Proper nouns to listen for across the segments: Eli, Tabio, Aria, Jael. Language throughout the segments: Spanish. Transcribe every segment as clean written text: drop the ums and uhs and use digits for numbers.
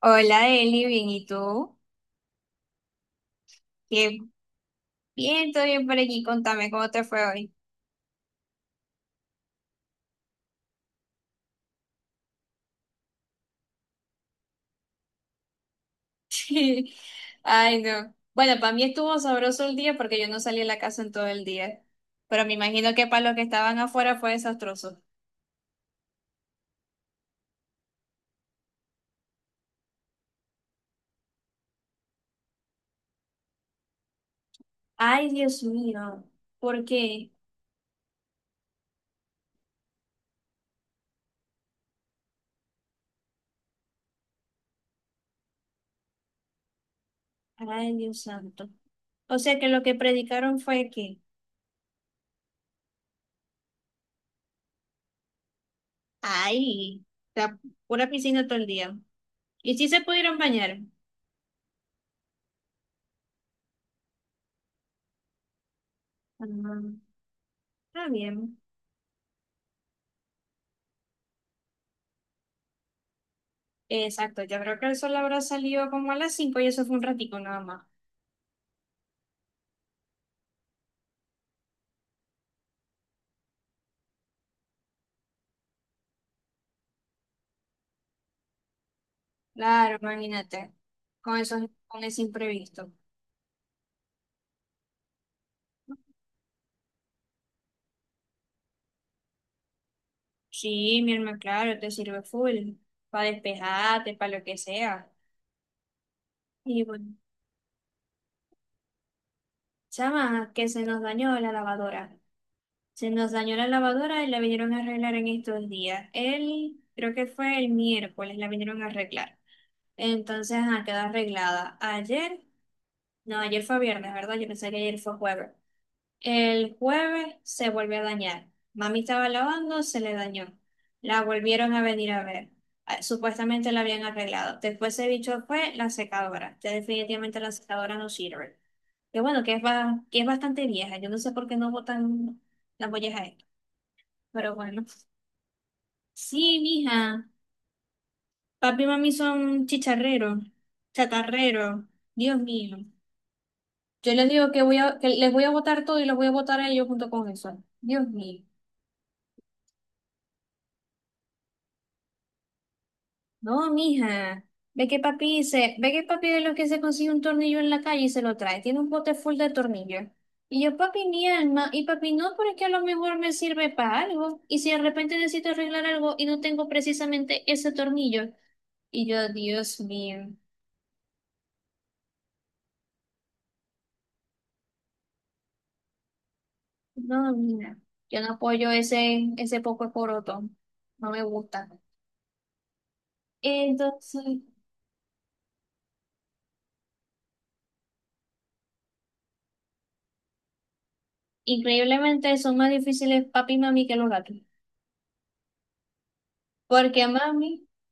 Hola, Eli, bien, ¿y tú? Qué bien, todo bien por aquí. Contame cómo te fue hoy. Ay, no. Bueno, para mí estuvo sabroso el día porque yo no salí de la casa en todo el día. Pero me imagino que para los que estaban afuera fue desastroso. Ay, Dios mío. ¿Por qué? Ay, Dios santo. O sea que lo que predicaron fue que, ay, la pura piscina todo el día. ¿Y si se pudieron bañar? Ah, está bien. Exacto, yo creo que el sol habrá salido como a las 5 y eso fue un ratico nada más. Claro, imagínate, con eso, con ese imprevisto. Sí, mi hermano, claro, te sirve full, para despejarte, para lo que sea. Y bueno, chama, que se nos dañó la lavadora. Se nos dañó la lavadora y la vinieron a arreglar en estos días. El, creo que fue el miércoles, la vinieron a arreglar. Entonces, quedó arreglada. Ayer, no, ayer fue viernes, ¿verdad? Yo pensé que ayer fue jueves. El jueves se volvió a dañar. Mami estaba lavando, se le dañó. La volvieron a venir a ver. Ah, supuestamente la habían arreglado. Después se bicho fue la secadora. Que definitivamente la secadora no sirve. Que bueno, que es bastante vieja. Yo no sé por qué no botan la molleja esta. Pero bueno. Sí, mija. Papi y mami son chicharreros, chatarreros. Dios mío. Yo les digo que voy a, que les voy a botar todo y los voy a botar a ellos junto con eso. Dios mío. No, mija, ve que papi dice, ve que papi de los que se consigue un tornillo en la calle y se lo trae, tiene un bote full de tornillos. Y yo, papi, mi alma, y papi, no, pero es que a lo mejor me sirve para algo. Y si de repente necesito arreglar algo y no tengo precisamente ese tornillo. Y yo, Dios mío, no, mija, yo no apoyo ese poco de coroto, no me gusta. Entonces, increíblemente son más difíciles papi y mami que los gatos. Porque a mami,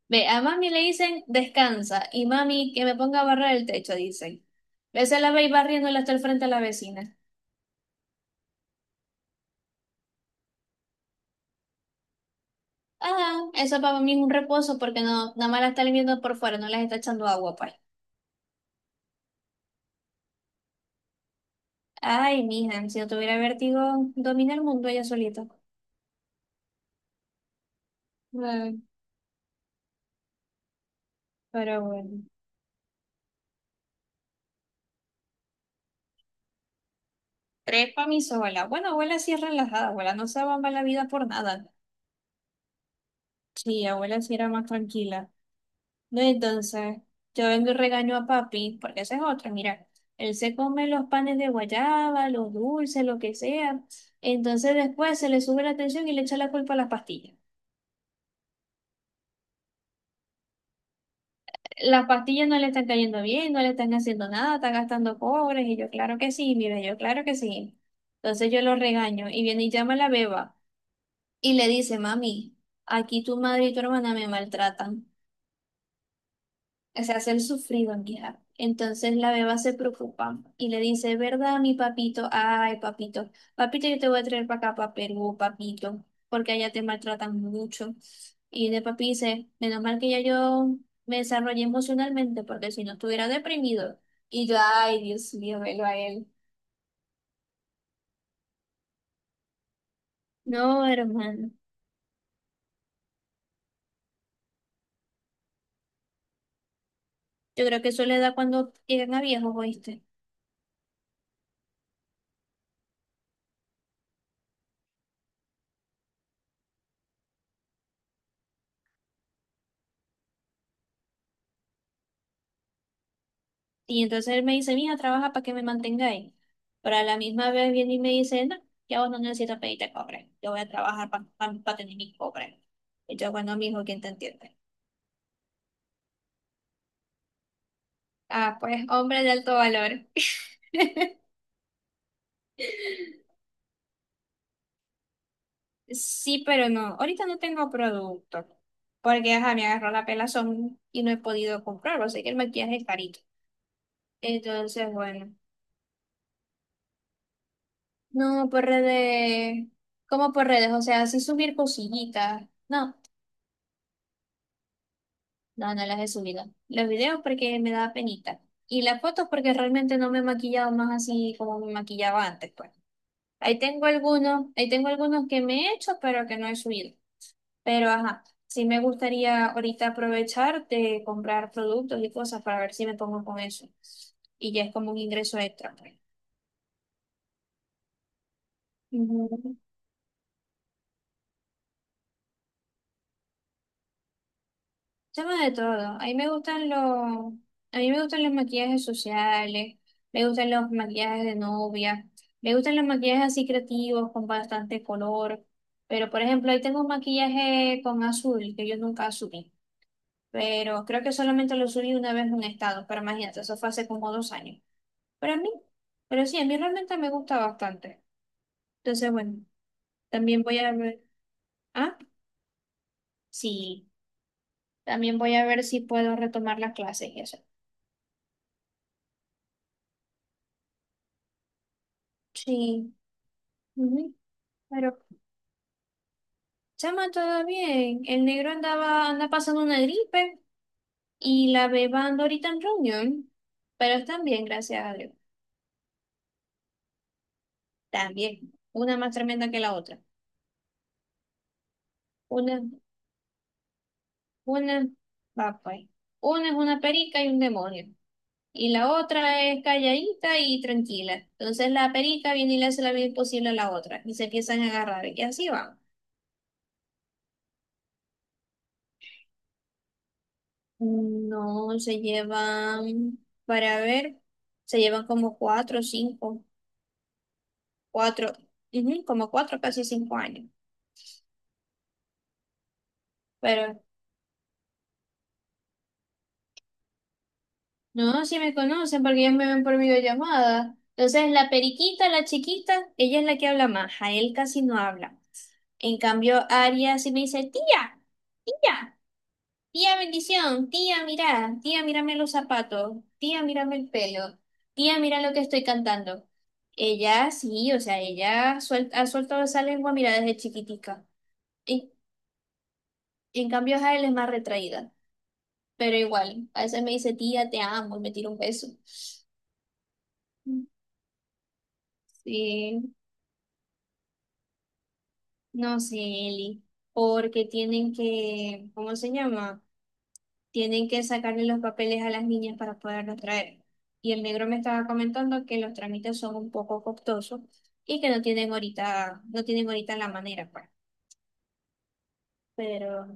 ve, a mami le dicen descansa y mami que me ponga a barrer el techo, dicen. Veces la veis barriéndola hasta el frente a la vecina. Ah, eso para mí es un reposo porque no, nada más la está limpiando por fuera, no las está echando agua, pues. Ay, mija, si no tuviera vértigo, domina el mundo ella solita. Ay, pero bueno. Tres para mi sola. Bueno, abuela sí es relajada, abuela no se abamba la vida por nada. Sí, abuela sí era más tranquila. No, entonces, yo vengo y regaño a papi, porque esa es otra, mira, él se come los panes de guayaba, los dulces, lo que sea, entonces después se le sube la tensión y le echa la culpa a las pastillas. Las pastillas no le están cayendo bien, no le están haciendo nada, están gastando cobres, y yo, claro que sí, mira, yo, claro que sí. Entonces yo lo regaño, y viene y llama a la beba, y le dice, mami, aquí tu madre y tu hermana me maltratan. O sea, hacer sufrido en mi. Entonces la beba se preocupa y le dice, ¿verdad, mi papito? Ay, papito, papito, yo te voy a traer para acá, para Perú, papito, porque allá te maltratan mucho. Y de papi dice, menos mal que ya yo me desarrollé emocionalmente, porque si no estuviera deprimido. Y yo, ay, Dios mío, velo a él. No, hermano, yo creo que eso le da cuando llegan a viejos, ¿oíste? Y entonces él me dice, mija, trabaja para que me mantengáis. Pero a la misma vez viene y me dice, no, ya vos no necesitas pedirte cobre. Yo voy a trabajar para tener mis cobres. Y yo, bueno, mijo, ¿quién te entiende? Ah, pues hombre de alto valor. Sí, pero no. Ahorita no tengo producto. Porque, ajá, me agarró la pelazón y no he podido comprarlo. Sé que el maquillaje es carito. Entonces, bueno. No, por redes. ¿Cómo por redes? O sea, así subir cosillitas. No, no, no las he subido. Los videos porque me da penita. Y las fotos porque realmente no me he maquillado más así como me maquillaba antes, pues. Ahí tengo algunos que me he hecho, pero que no he subido. Pero ajá, sí me gustaría ahorita aprovechar de comprar productos y cosas para ver si me pongo con eso. Y ya es como un ingreso extra, pues. Ujú. Chama de todo. A mí me gustan los, a mí me gustan los maquillajes sociales, me gustan los maquillajes de novia, me gustan los maquillajes así creativos con bastante color. Pero por ejemplo, ahí tengo un maquillaje con azul que yo nunca asumí. Pero creo que solamente lo subí una vez en un estado, pero imagínate, eso fue hace como 2 años. Pero a mí, pero sí, a mí realmente me gusta bastante. Entonces, bueno, también voy a ver, ah, sí, también voy a ver si puedo retomar las clases y eso. Sí. Ujú. Pero, chama, todo bien. El negro andaba, anda pasando una gripe y la beba anda ahorita en reunión. Pero están bien, gracias a Dios. También. Una más tremenda que la otra. Una, una, va pues. Una es una perica y un demonio. Y la otra es calladita y tranquila. Entonces la perica viene y le hace la vida imposible a la otra. Y se empiezan a agarrar. Y así van. No, se llevan, para ver, se llevan como 4 o 5. Cuatro, ujú, como 4, casi 5 años. Pero no, sí me conocen porque ellos me ven por videollamada. Entonces, la periquita, la chiquita, ella es la que habla más, a él casi no habla. En cambio, Aria sí me dice, tía, tía, tía bendición, tía, mira, tía, mírame los zapatos, tía, mírame el pelo, tía, mira lo que estoy cantando. Ella sí, o sea, ella ha soltado esa lengua, mira, desde chiquitica. Y, en cambio, Jael es más retraída. Pero igual, a veces me dice, tía, te amo, y me tira un beso. Sí, no sé, Eli, porque tienen que, ¿cómo se llama? Tienen que sacarle los papeles a las niñas para poderlos traer. Y el negro me estaba comentando que los trámites son un poco costosos y que no tienen ahorita la manera, pues. Pero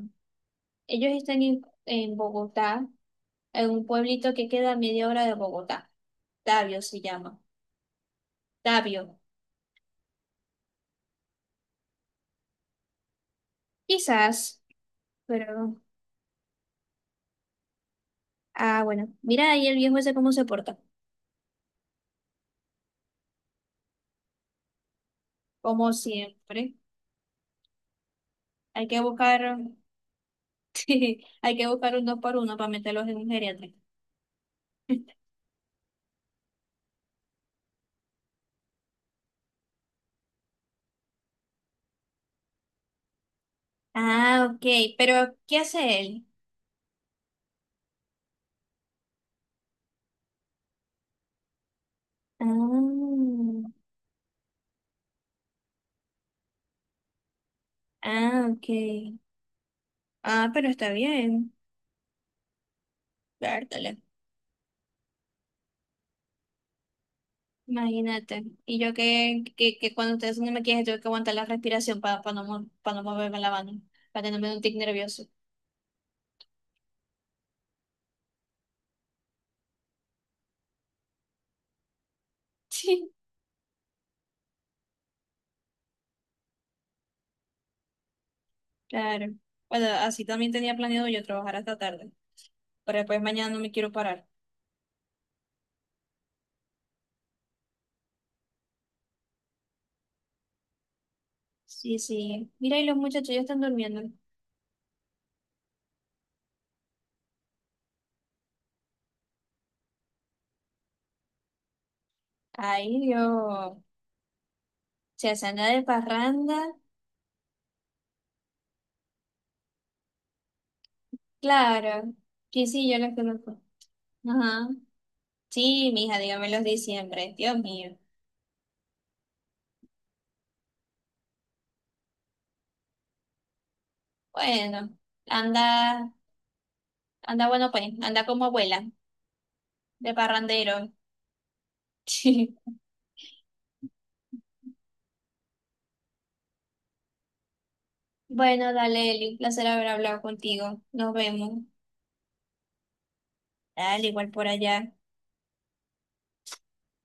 ellos están en Bogotá, en un pueblito que queda a media hora de Bogotá. Tabio se llama. Tabio. Quizás, pero ah, bueno, mira ahí el viejo ese cómo se porta, como siempre. Hay que buscar, sí, hay que buscar un dos por uno para meterlos en un geriatra. Ah, ok, pero ¿qué hace él? Ah, ok. Ah, pero está bien, vértale. Imagínate. Y yo que cuando ustedes no me quieren, tengo que aguantar la respiración para no, pa no moverme la mano, para que no me dé un tic nervioso. Sí, claro. Bueno, así también tenía planeado yo trabajar hasta tarde, pero después mañana no me quiero parar. Sí, sí. Mira, y los muchachos ya están durmiendo. Ay, Dios. Se hacen la de parranda. Claro. Sí, sí, yo los conozco. Ajá. Sí, mija, dígame los diciembre. Dios mío. Bueno, anda, anda bueno, pues, anda como abuela, de parrandero. Sí. Bueno, dale, Eli, un placer haber hablado contigo. Nos vemos. Dale, igual por allá.